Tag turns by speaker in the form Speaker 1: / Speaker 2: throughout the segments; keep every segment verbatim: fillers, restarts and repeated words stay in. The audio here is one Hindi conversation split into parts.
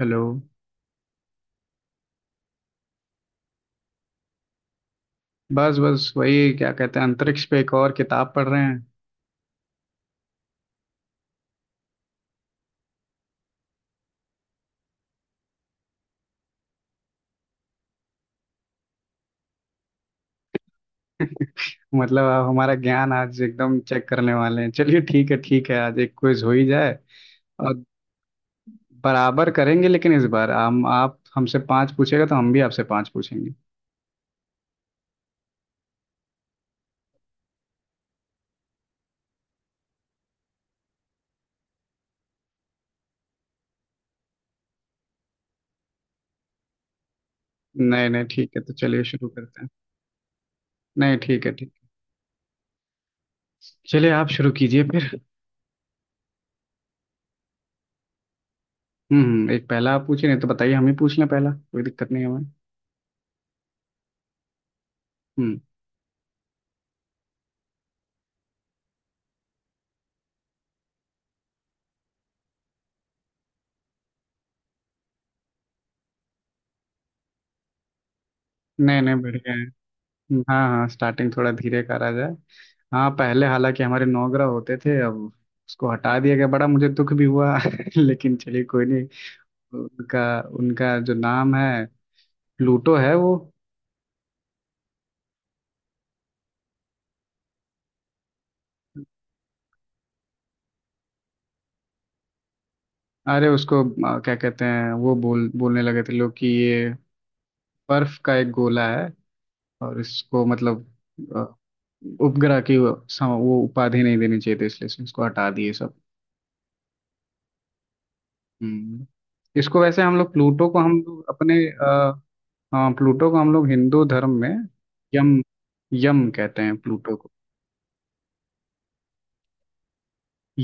Speaker 1: हेलो। बस बस वही क्या कहते हैं अंतरिक्ष पे एक और किताब पढ़ रहे हैं। मतलब आप हमारा ज्ञान आज एकदम चेक करने वाले हैं। चलिए ठीक है ठीक है आज एक क्विज हो ही जाए और बराबर करेंगे, लेकिन इस बार हम आप हमसे पांच पूछेगा तो हम भी आपसे पांच पूछेंगे। नहीं नहीं ठीक है तो चलिए शुरू करते हैं। नहीं ठीक है, ठीक है। चलिए आप शुरू कीजिए फिर। हम्म, एक पहला आप पूछिए, नहीं तो बताइए हम ही पूछ लें, पहला कोई दिक्कत नहीं है हमें। हम्म। नहीं नहीं बढ़िया है। हाँ हाँ, स्टार्टिंग थोड़ा धीरे करा जाए। हाँ, पहले हालांकि हमारे नौ ग्रह होते थे, अब उसको हटा दिया गया। बड़ा मुझे दुख भी हुआ लेकिन चलिए कोई नहीं। उनका उनका जो नाम है, प्लूटो है वो। अरे उसको अ, क्या कहते हैं वो बोल बोलने लगे थे लोग कि ये बर्फ का एक गोला है और इसको मतलब अ, उपग्रह की वो सम- वो उपाधि नहीं देनी चाहिए थी, इसलिए इसको हटा दिए सब। हम्म। इसको वैसे हम लोग प्लूटो को हम लोग अपने हाँ प्लूटो को हम लोग हिंदू धर्म में यम यम कहते हैं प्लूटो को।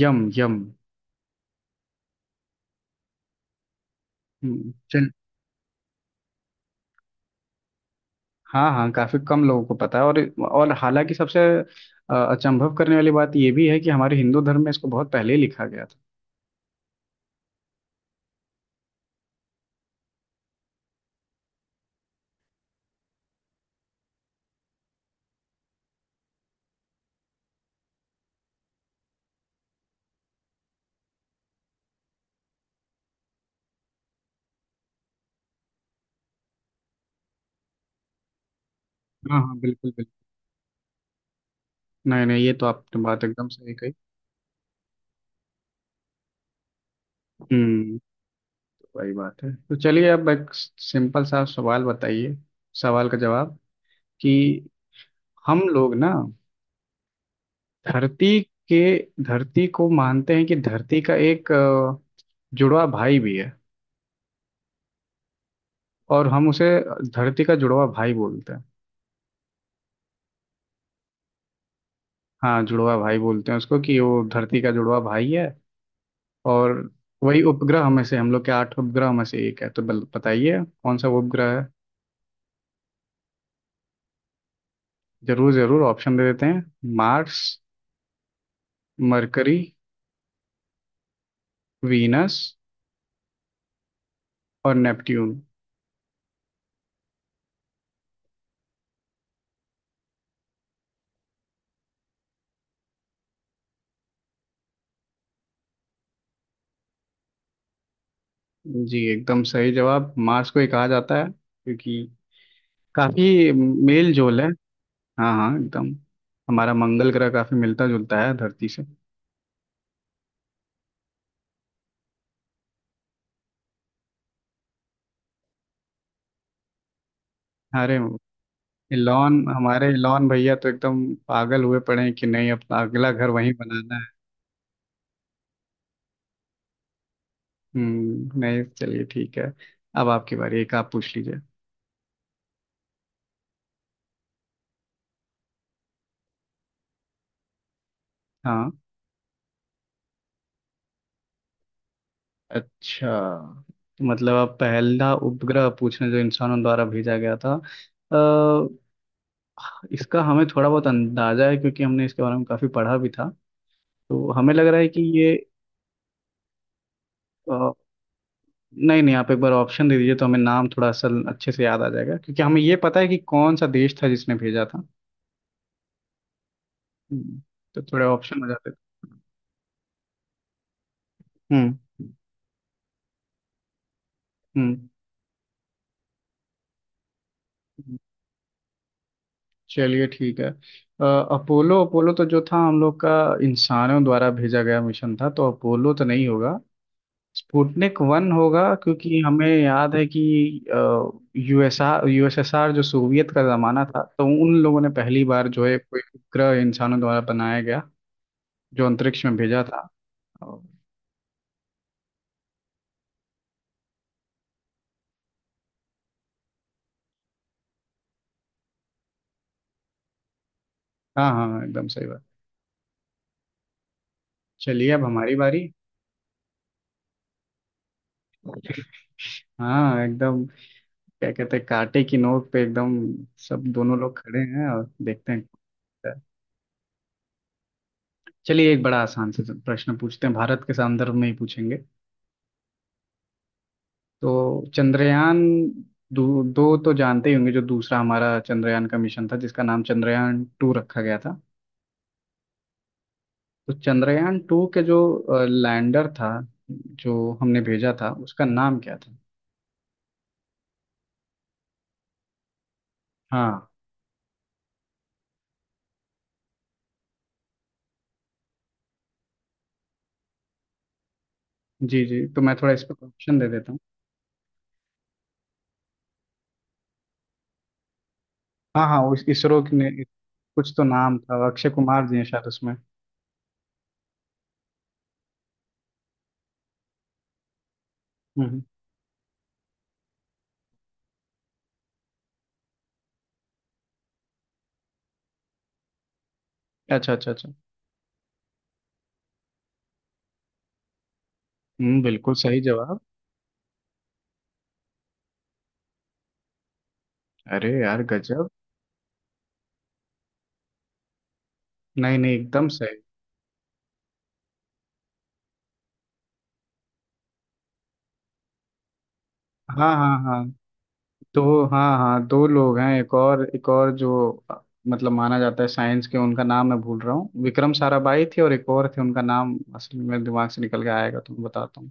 Speaker 1: यम यम हम्म, चल। हाँ हाँ, काफी कम लोगों को पता है। और और हालांकि सबसे अ, अचंभव करने वाली बात ये भी है कि हमारे हिंदू धर्म में इसको बहुत पहले ही लिखा गया था। हाँ हाँ, बिल्कुल बिल्कुल नहीं नहीं ये तो आपने बात एकदम सही कही। हम्म। तो वही बात है, तो चलिए अब एक सिंपल सा सवाल बताइए, सवाल का जवाब कि हम लोग ना, धरती के धरती को मानते हैं कि धरती का एक जुड़वा भाई भी है, और हम उसे धरती का जुड़वा भाई बोलते हैं। हाँ, जुड़वा भाई बोलते हैं उसको, कि वो धरती का जुड़वा भाई है। और वही उपग्रह में से हम लोग के आठ उपग्रह में से एक है। तो बल- बताइए कौन सा उपग्रह है। जरूर जरूर, ऑप्शन दे देते हैं। मार्स, मरकरी, वीनस और नेपट्यून। जी, एकदम सही जवाब। मार्स को ही कहा जाता है क्योंकि काफी मेल जोल है। हाँ हाँ एकदम, हमारा मंगल ग्रह काफी मिलता जुलता है धरती से। अरे इलॉन, हमारे इलॉन भैया तो एकदम पागल हुए पड़े हैं कि नहीं, अपना अगला घर वहीं बनाना है। हम्म, नहीं चलिए ठीक है, अब आपकी बारी, एक आप पूछ लीजिए। हाँ अच्छा, मतलब अब पहला उपग्रह पूछना जो इंसानों द्वारा भेजा गया था। अ, इसका हमें थोड़ा बहुत अंदाजा है क्योंकि हमने इसके बारे में काफी पढ़ा भी था, तो हमें लग रहा है कि ये अ, नहीं नहीं, आप एक बार ऑप्शन दे दीजिए तो हमें नाम थोड़ा सा अच्छे से याद आ जाएगा, क्योंकि हमें ये पता है कि कौन सा देश था जिसने भेजा था। हम्म, तो थोड़े ऑप्शन हो जाते। हम्म हम्म। चलिए ठीक है, अ, अपोलो, अपोलो तो जो था हम लोग का इंसानों द्वारा भेजा गया मिशन था, तो अपोलो तो नहीं होगा। स्पुतनिक वन होगा, क्योंकि हमें याद है कि यूएसआर यूएसएसआर जो सोवियत का जमाना था, तो उन लोगों ने पहली बार जो है कोई उपग्रह इंसानों द्वारा बनाया गया जो अंतरिक्ष में भेजा था। और- हाँ हाँ, एकदम सही बात। चलिए अब हमारी बारी। हाँ एकदम, क्या कहते हैं, कांटे की नोक पे एकदम सब दोनों लोग खड़े हैं और देखते हैं क्या होता है। चलिए एक बड़ा आसान से प्रश्न पूछते हैं, भारत के संदर्भ में ही पूछेंगे। तो चंद्रयान दो, दो तो जानते ही होंगे जो दूसरा हमारा चंद्रयान का मिशन था जिसका नाम चंद्रयान टू रखा गया था। तो चंद्रयान टू के जो लैंडर था, जो हमने भेजा था, उसका नाम क्या था। हाँ, जी जी, तो मैं थोड़ा इस पर ऑप्शन दे देता हूँ। हाँ हाँ, उस इसरो ने कुछ तो नाम था, अक्षय कुमार जी हैं शायद उसमें। हम्म। अच्छा अच्छा अच्छा हम्म, बिल्कुल सही जवाब। अरे यार गजब। नहीं नहीं एकदम सही। हाँ हाँ हाँ, तो हाँ हाँ, दो लोग हैं, एक और, एक और जो अ, मतलब माना जाता है साइंस के, उनका नाम मैं भूल रहा हूँ, विक्रम साराभाई थे, और एक और थे, उनका नाम असल में दिमाग से निकल के आएगा तो मैं बताता हूँ।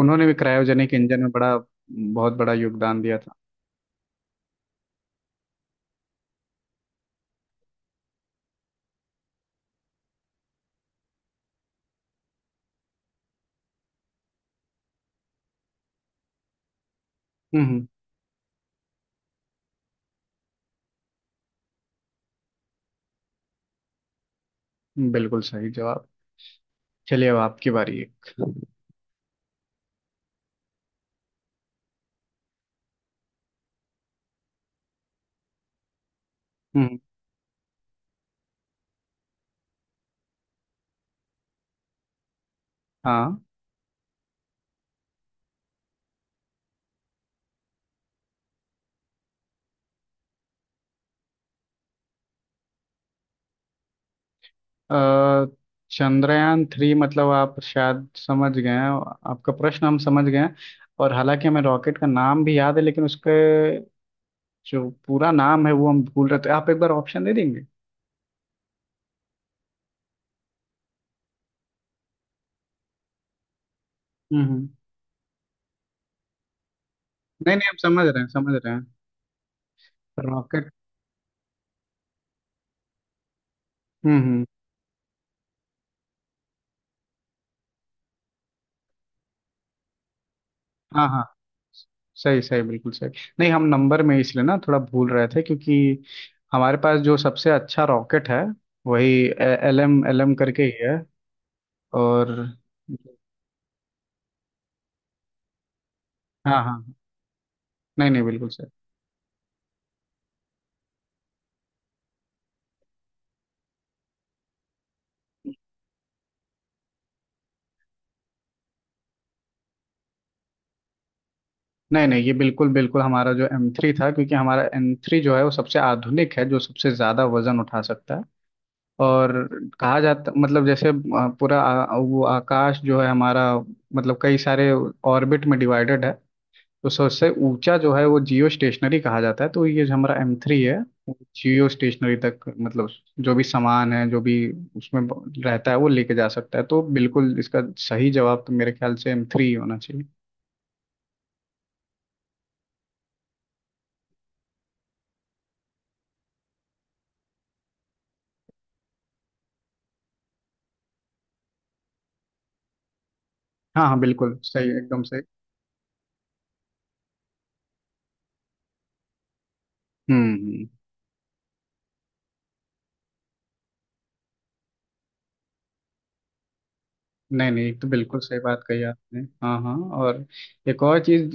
Speaker 1: उन्होंने भी क्रायोजेनिक इंजन में बड़ा बहुत बड़ा योगदान दिया था। हम्म हम्म, बिल्कुल सही जवाब। चलिए अब आपकी बारी है। हम्म, हाँ अ, चंद्रयान थ्री मतलब, आप शायद समझ गए हैं, आपका प्रश्न हम समझ गए हैं। और हालांकि हमें रॉकेट का नाम भी याद है, लेकिन उसके जो पूरा नाम है वो हम भूल रहे थे, आप एक बार ऑप्शन दे देंगे। हम्म हम्म। नहीं नहीं हम समझ रहे हैं, समझ रहे हैं। रॉकेट। हम्म हम्म। हाँ हाँ, सही सही, बिल्कुल सही। नहीं, हम नंबर में इसलिए ना थोड़ा भूल रहे थे क्योंकि हमारे पास जो सबसे अच्छा रॉकेट है, वही एल एम, एल एम करके ही है। और हाँ हाँ, नहीं नहीं बिल्कुल सही। नहीं नहीं ये बिल्कुल बिल्कुल हमारा जो एम थ्री था, क्योंकि हमारा एम थ्री जो है वो सबसे आधुनिक है, जो सबसे ज़्यादा वजन उठा सकता है। और कहा जाता मतलब, जैसे अ, पूरा आ, वो आकाश जो है हमारा, मतलब कई सारे ऑर्बिट में डिवाइडेड है, तो सबसे ऊंचा जो है वो जियो स्टेशनरी कहा जाता है। तो ये जो हमारा एम थ्री है वो जियो स्टेशनरी तक, मतलब जो भी सामान है, जो भी उसमें ब- रहता है वो लेके जा सकता है। तो बिल्कुल इसका सही जवाब तो मेरे ख्याल से एम थ्री होना चाहिए। हाँ हाँ बिल्कुल सही, एकदम सही। हम्म हम्म। नहीं नहीं एक तो बिल्कुल सही बात कही आपने। हाँ हाँ, और एक और चीज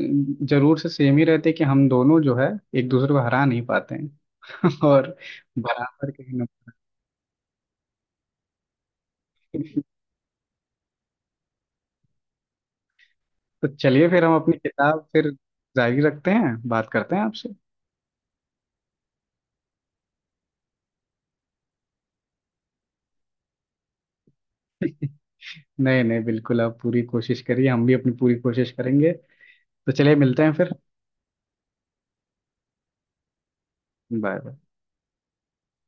Speaker 1: जरूर से सेम ही रहती है कि हम दोनों जो है एक दूसरे को हरा नहीं पाते हैं और बराबर कहीं ना कहीं। तो चलिए फिर हम अपनी किताब फिर जारी रखते हैं, बात करते हैं आपसे। नहीं नहीं बिल्कुल आप पूरी कोशिश करिए, हम भी अपनी पूरी कोशिश करेंगे। तो चलिए मिलते हैं फिर। Bye bye.